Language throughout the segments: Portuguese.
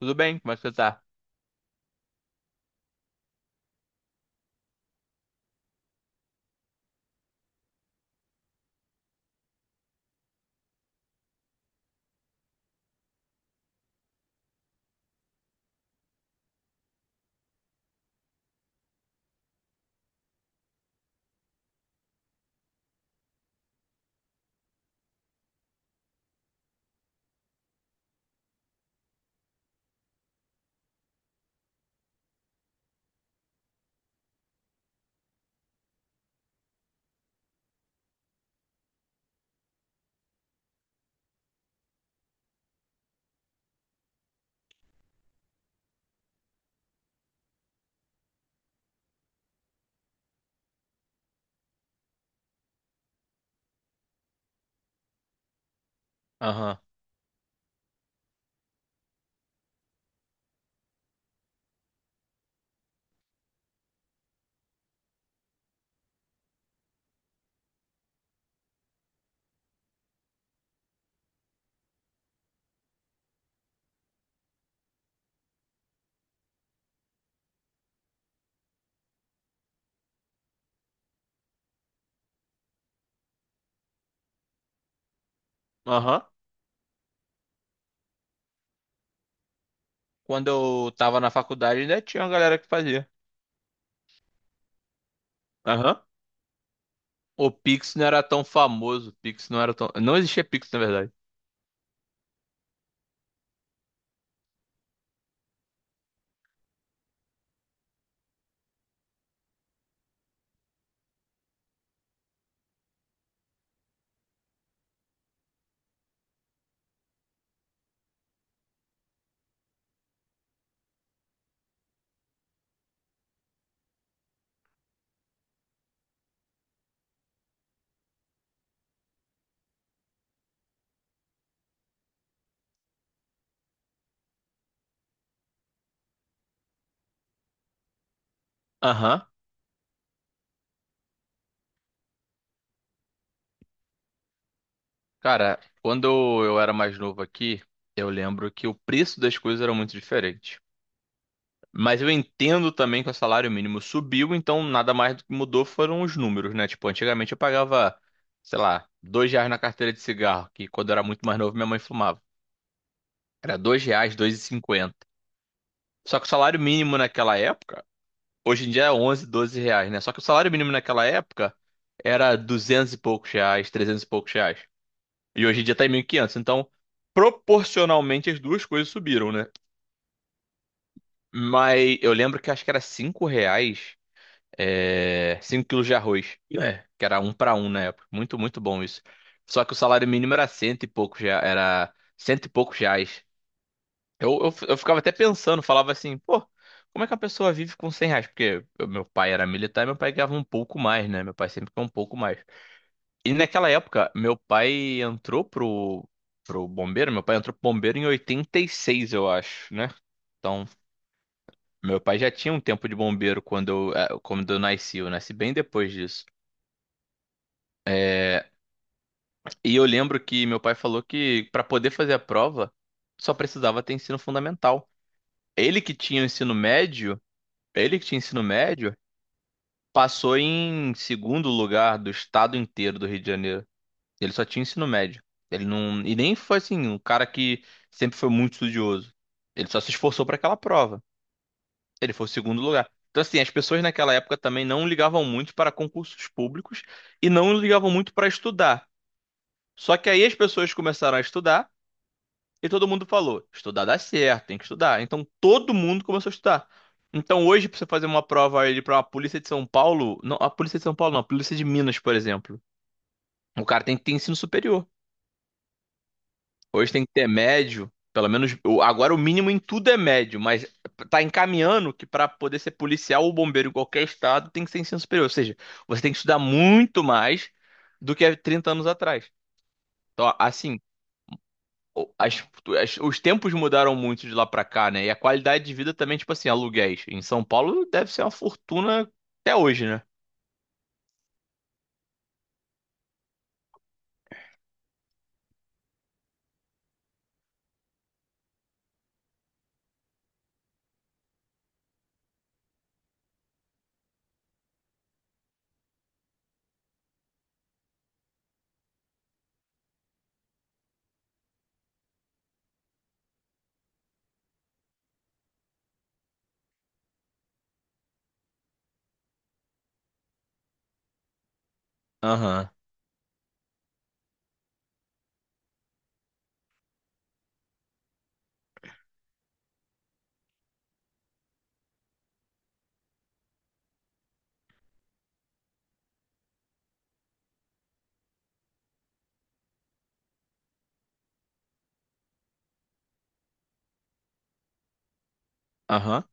Tudo bem? Como é que você tá? Aham. Aham, quando eu tava na faculdade, ainda tinha uma galera que fazia. Aham. O Pix não era tão famoso. O Pix não era tão. Não existia Pix, na verdade. Aham. Cara, quando eu era mais novo aqui, eu lembro que o preço das coisas era muito diferente. Mas eu entendo também que o salário mínimo subiu, então nada mais do que mudou foram os números, né? Tipo, antigamente eu pagava, sei lá, R$ 2 na carteira de cigarro, que quando eu era muito mais novo minha mãe fumava. Era R$ 2, 2,50. Só que o salário mínimo naquela época, hoje em dia é 11, R$ 12, né? Só que o salário mínimo naquela época era 200 e poucos reais, 300 e poucos reais. E hoje em dia tá em 1.500. Então, proporcionalmente as duas coisas subiram, né? Mas eu lembro que acho que era R$ 5, é, 5 quilos de arroz. É, que era um para um na época. Muito, muito bom isso. Só que o salário mínimo era cento e poucos, era cento e poucos reais. Eu ficava até pensando, falava assim, pô, como é que a pessoa vive com R$ 100? Porque meu pai era militar e meu pai ganhava um pouco mais, né? Meu pai sempre ganhou um pouco mais. E naquela época, meu pai entrou pro bombeiro, meu pai entrou pro bombeiro em 86, eu acho, né? Então, meu pai já tinha um tempo de bombeiro quando eu nasci bem depois disso. É. E eu lembro que meu pai falou que para poder fazer a prova só precisava ter ensino fundamental. Ele que tinha o ensino médio, ele que tinha ensino médio. Passou em segundo lugar do estado inteiro do Rio de Janeiro. Ele só tinha ensino médio. Ele não, e nem foi assim, um cara que sempre foi muito estudioso. Ele só se esforçou para aquela prova. Ele foi o segundo lugar. Então, assim, as pessoas naquela época também não ligavam muito para concursos públicos e não ligavam muito para estudar. Só que aí as pessoas começaram a estudar e todo mundo falou: estudar dá certo, tem que estudar. Então todo mundo começou a estudar. Então hoje, pra você fazer uma prova ali pra uma polícia de São Paulo, não, a polícia de São Paulo não, a polícia de Minas, por exemplo. O cara tem que ter ensino superior. Hoje tem que ter médio, pelo menos agora o mínimo em tudo é médio, mas tá encaminhando que pra poder ser policial ou bombeiro em qualquer estado tem que ter ensino superior. Ou seja, você tem que estudar muito mais do que há 30 anos atrás. Então, assim, as- os tempos mudaram muito de lá pra cá, né? E a qualidade de vida também, tipo assim, aluguéis. Em São Paulo deve ser uma fortuna até hoje, né? Aham, aham,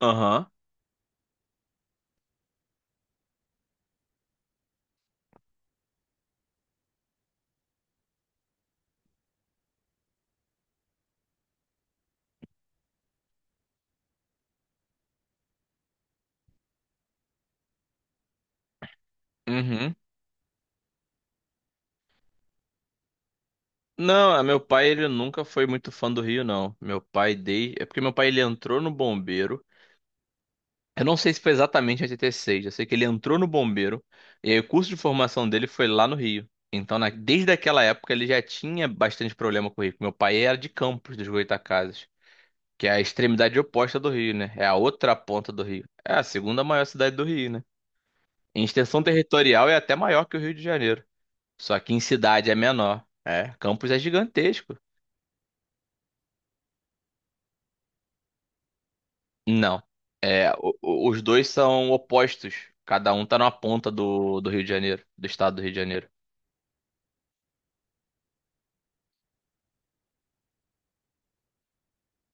aham, uhum. Não, é, meu pai, ele nunca foi muito fã do Rio, não. Meu pai, dei É porque meu pai, ele entrou no bombeiro. Eu não sei se foi exatamente em 86, eu sei que ele entrou no bombeiro. E aí o curso de formação dele foi lá no Rio. Então, desde aquela época, ele já tinha bastante problema com o Rio. Meu pai era de Campos, dos Goytacazes. Que é a extremidade oposta do Rio, né? É a outra ponta do Rio. É a segunda maior cidade do Rio, né? Em extensão territorial é até maior que o Rio de Janeiro. Só que em cidade é menor. É, Campos é gigantesco. Não. É, os dois são opostos. Cada um tá numa ponta do Rio de Janeiro, do estado do Rio de Janeiro.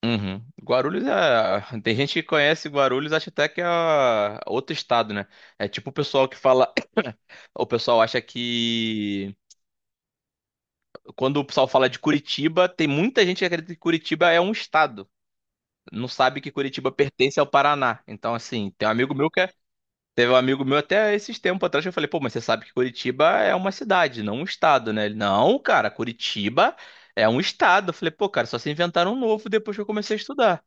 Uhum. Guarulhos é. Tem gente que conhece Guarulhos, acha até que é outro estado, né? É tipo o pessoal que fala. O pessoal acha que. Quando o pessoal fala de Curitiba, tem muita gente que acredita que Curitiba é um estado. Não sabe que Curitiba pertence ao Paraná. Então, assim, tem um amigo meu que é- teve um amigo meu até esses tempos atrás que eu falei, pô, mas você sabe que Curitiba é uma cidade, não um estado, né? Ele, não, cara, Curitiba é um estado. Eu falei, pô, cara, só se inventaram um novo depois que eu comecei a estudar.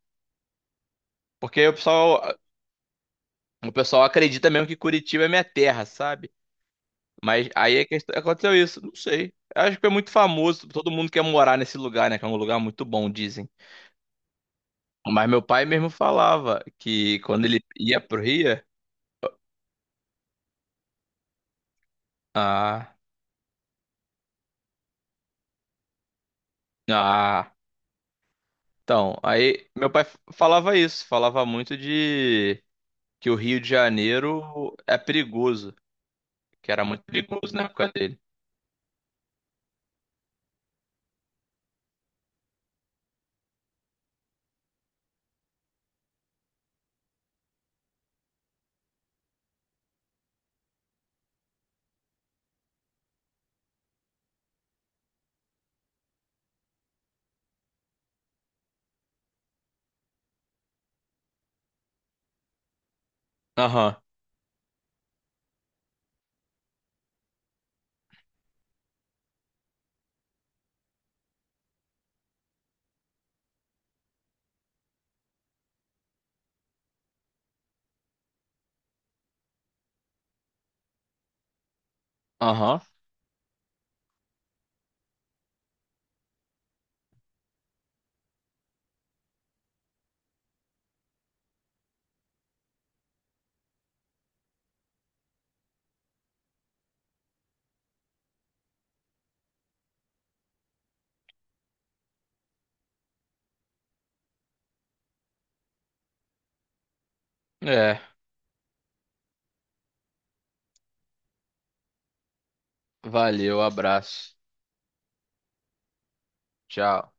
Porque o pessoal acredita mesmo que Curitiba é minha terra, sabe? Mas aí é que aconteceu isso, não sei. Eu acho que é muito famoso, todo mundo quer morar nesse lugar, né? Que é um lugar muito bom, dizem. Mas meu pai mesmo falava que quando ele ia pro Rio. Ah, ah, então, aí meu pai falava isso, falava muito de que o Rio de Janeiro é perigoso, que era muito perigoso na época dele. Aham, aham, é, valeu, abraço, tchau.